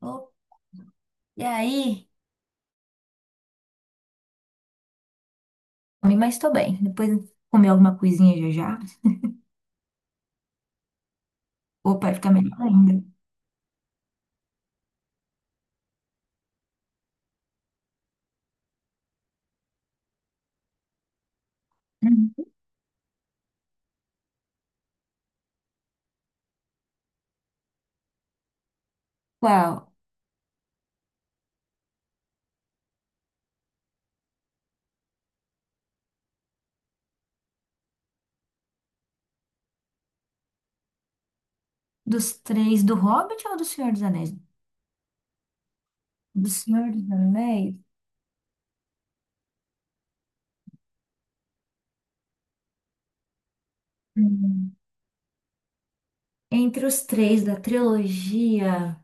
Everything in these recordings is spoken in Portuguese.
Oh, e aí? Comi, mas tô bem. Depois comer alguma coisinha já já. Ou para ficar melhor ainda. Uhum. Qual? Dos três, do Hobbit ou do Senhor dos Anéis? Do Senhor dos Anéis? Hum. Entre os três da trilogia.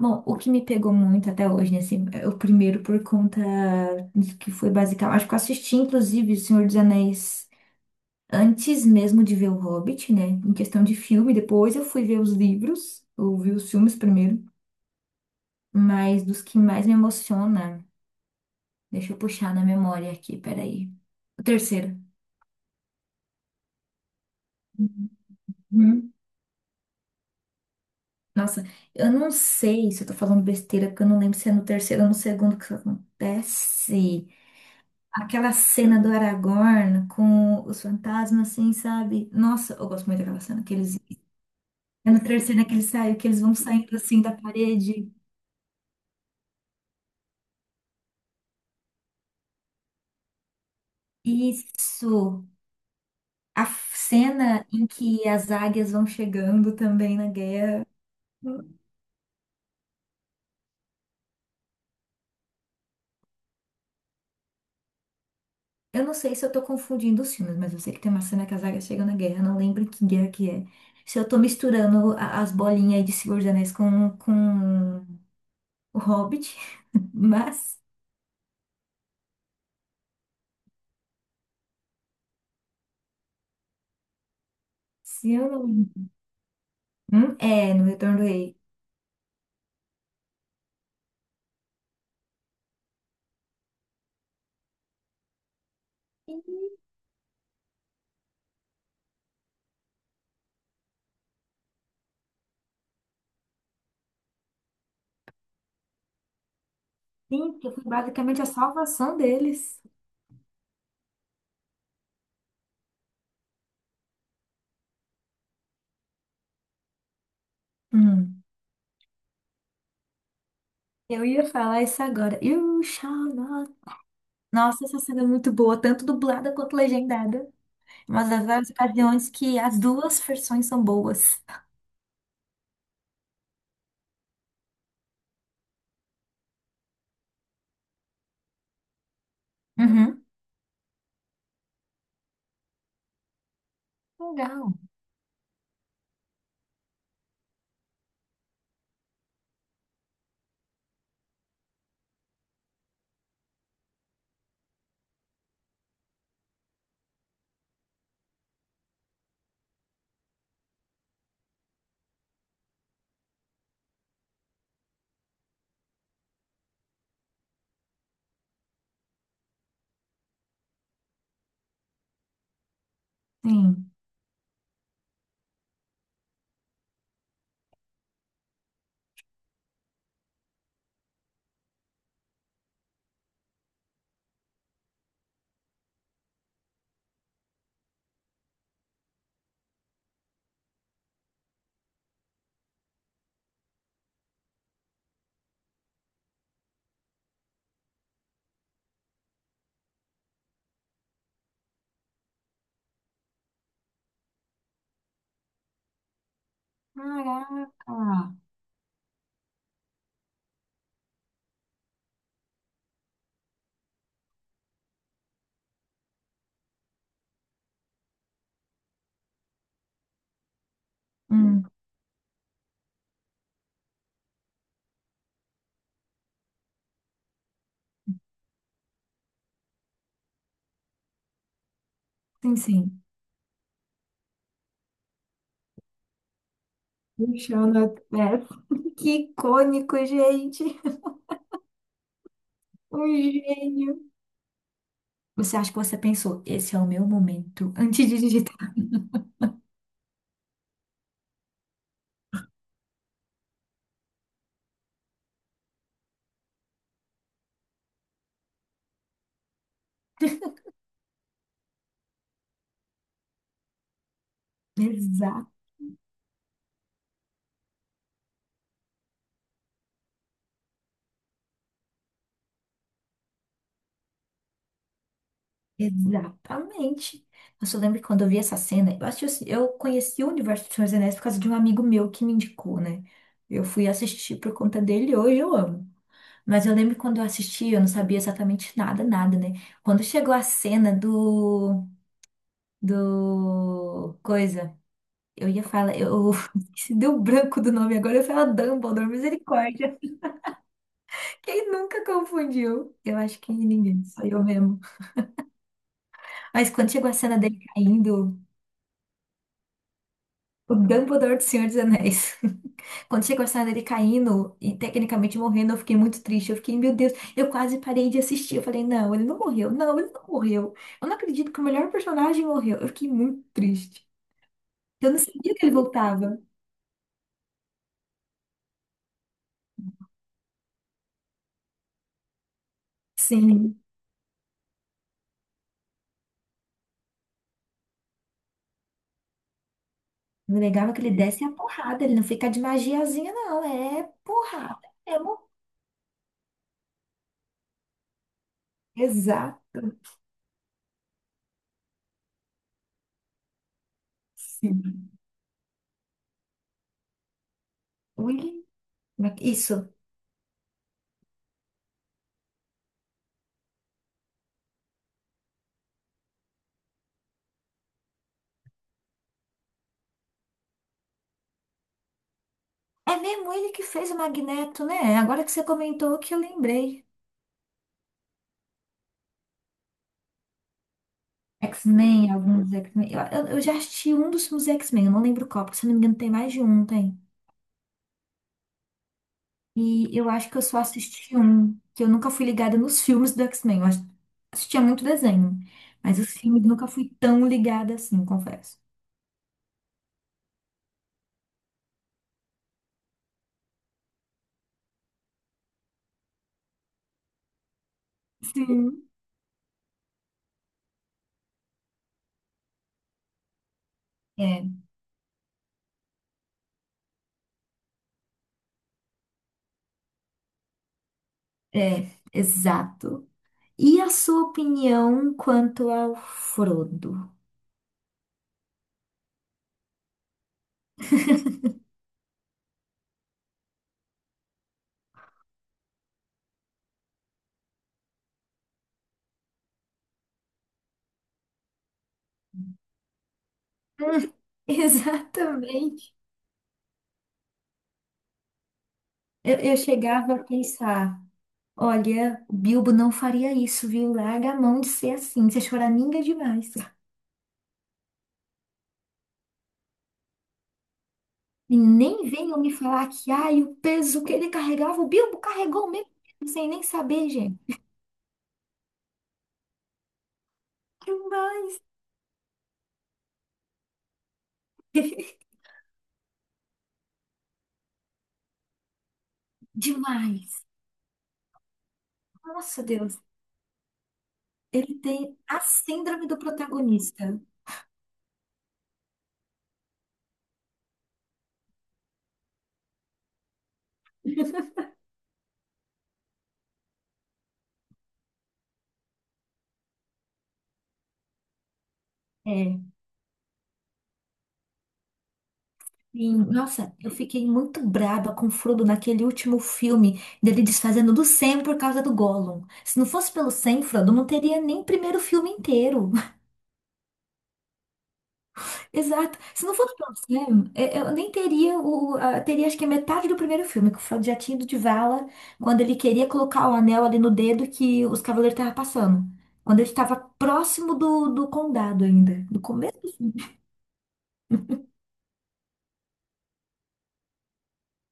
Bom, o que me pegou muito até hoje, né? Assim, é o primeiro por conta de que foi basicamente. Acho que eu assisti, inclusive, O Senhor dos Anéis antes mesmo de ver o Hobbit, né? Em questão de filme. Depois eu fui ver os livros. Ouvi os filmes primeiro. Mas dos que mais me emociona, deixa eu puxar na memória aqui, peraí. O terceiro. Uhum. Nossa, eu não sei se eu tô falando besteira, porque eu não lembro se é no terceiro ou no segundo que isso acontece. Aquela cena do Aragorn com os fantasmas, assim, sabe? Nossa, eu gosto muito daquela cena que eles. É no terceiro, né, que eles saem, que eles vão saindo assim da parede. Isso! A cena em que as águias vão chegando também na guerra. Eu não sei se eu tô confundindo os filmes, mas eu sei que tem uma cena que a Zarya chega na guerra, não lembro que guerra que é. Se eu tô misturando as bolinhas aí de Senhor dos Anéis com o Hobbit, mas se eu não. É, no Retorno do Rei. Sim, sim, que foi basicamente a salvação deles. Hum, eu ia falar isso agora. You shall not. Nossa, essa cena é muito boa, tanto dublada quanto legendada. Mas das várias ocasiões que as duas versões são boas. Uhum. Legal. Sim. Caraca! Hum, sim, sim. Luciano, é? Que icônico, gente! Um gênio! Você acha que você pensou, esse é o meu momento, antes de digitar. Exa- Exatamente. Eu só lembro que quando eu vi essa cena, eu, eu conheci o universo do Senhor dos Anéis por causa de um amigo meu que me indicou, né? Eu fui assistir por conta dele e hoje eu amo. Mas eu lembro que quando eu assisti, eu não sabia exatamente nada, nada, né? Quando chegou a cena do... do... coisa... Eu ia falar, eu se deu branco do nome agora, eu ia falar Dumbledore, misericórdia. Quem nunca confundiu? Eu acho que ninguém, só eu mesmo. Mas quando chegou a cena dele caindo, o Dumbledore do Senhor dos Anéis. Quando chegou a cena dele caindo e tecnicamente morrendo, eu fiquei muito triste. Eu fiquei, meu Deus, eu quase parei de assistir. Eu falei, não, ele não morreu, não, ele não morreu. Eu não acredito que o melhor personagem morreu. Eu fiquei muito triste. Eu não sabia que ele voltava. Sim. O legal é que ele desce a porrada, ele não fica de magiazinha, não. É porrada. É exato. Sim. Willy. Isso. É mesmo ele que fez o Magneto, né? Agora que você comentou que eu lembrei. X-Men, alguns X-Men. Eu já assisti um dos filmes X-Men, eu não lembro qual, porque se eu não me engano tem mais de um, tem. E eu acho que eu só assisti um, que eu nunca fui ligada nos filmes do X-Men. Assistia muito desenho, mas os filmes nunca fui tão ligada assim, confesso. Sim. É, exato. E a sua opinião quanto ao Frodo? Hum, exatamente. Eu chegava a pensar, olha, o Bilbo não faria isso, viu? Larga a mão de ser assim, você é choraminga demais. E nem venham me falar que, ai, o peso que ele carregava, o Bilbo carregou mesmo, sem nem saber, gente. Demais. Demais. Nossa, Deus. Ele tem a síndrome do protagonista. É. Sim, nossa, eu fiquei muito braba com o Frodo naquele último filme dele desfazendo do Sam por causa do Gollum. Se não fosse pelo Sam, Frodo não teria nem o primeiro filme inteiro. Exato. Se não fosse pelo Sam, eu nem teria teria acho que a metade do primeiro filme, que o Frodo já tinha ido de vala quando ele queria colocar o anel ali no dedo que os cavaleiros estavam passando. Quando ele estava próximo do condado ainda. No começo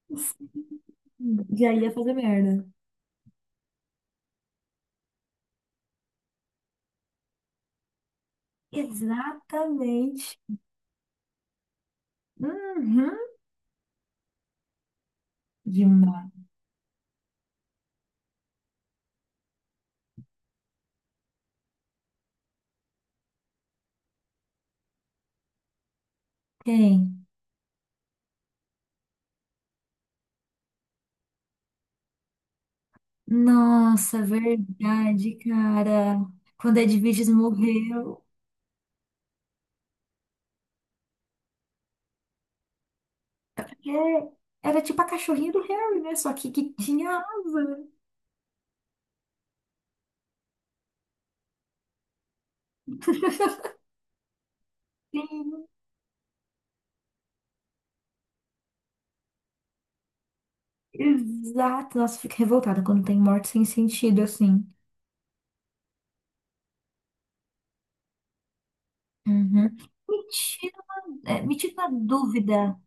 do filme, já ia fazer merda. Exatamente. Uhum. Demais. Tem. Nossa, é verdade, cara. Quando Ed Vigis morreu, é, era tipo a cachorrinha do Harry, né? Só que tinha asa. Sim, exato. Nossa, eu fico revoltada quando tem morte sem sentido, assim. Uhum. Me tira, é, me tira uma dúvida.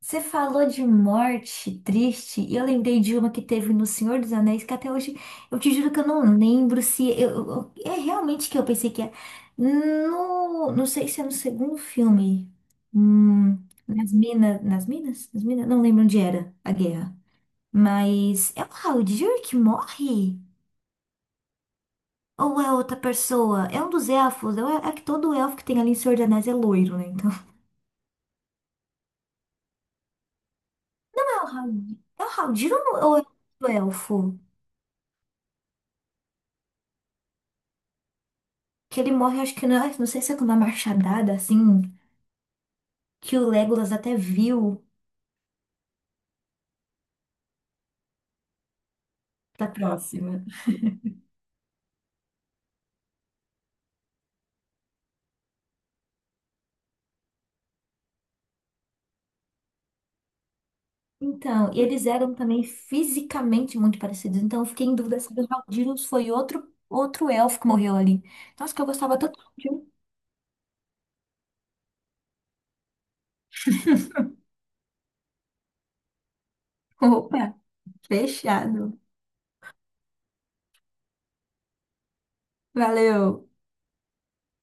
Você falou de morte triste, e eu lembrei de uma que teve no Senhor dos Anéis, que até hoje eu te juro que eu não lembro se. É realmente que eu pensei que é. No, não sei se é no segundo filme. Hum, nas minas. Nas minas? Nas minas? Não lembro onde era a guerra. Mas é o Haldir que morre? Ou é outra pessoa? É um dos elfos. É, é que todo elfo que tem ali em Senhor dos Anéis é loiro, né? Então. É o Haldir. É o Haldir ou é o elfo? Que ele morre, acho que não, não sei se é com uma machadada, assim, que o Legolas até viu da próxima. Então, e eles eram também fisicamente muito parecidos. Então, eu fiquei em dúvida se o Haldirus foi outro, outro elfo que morreu ali. Nossa, que eu gostava tanto de um. Opa, fechado. Valeu.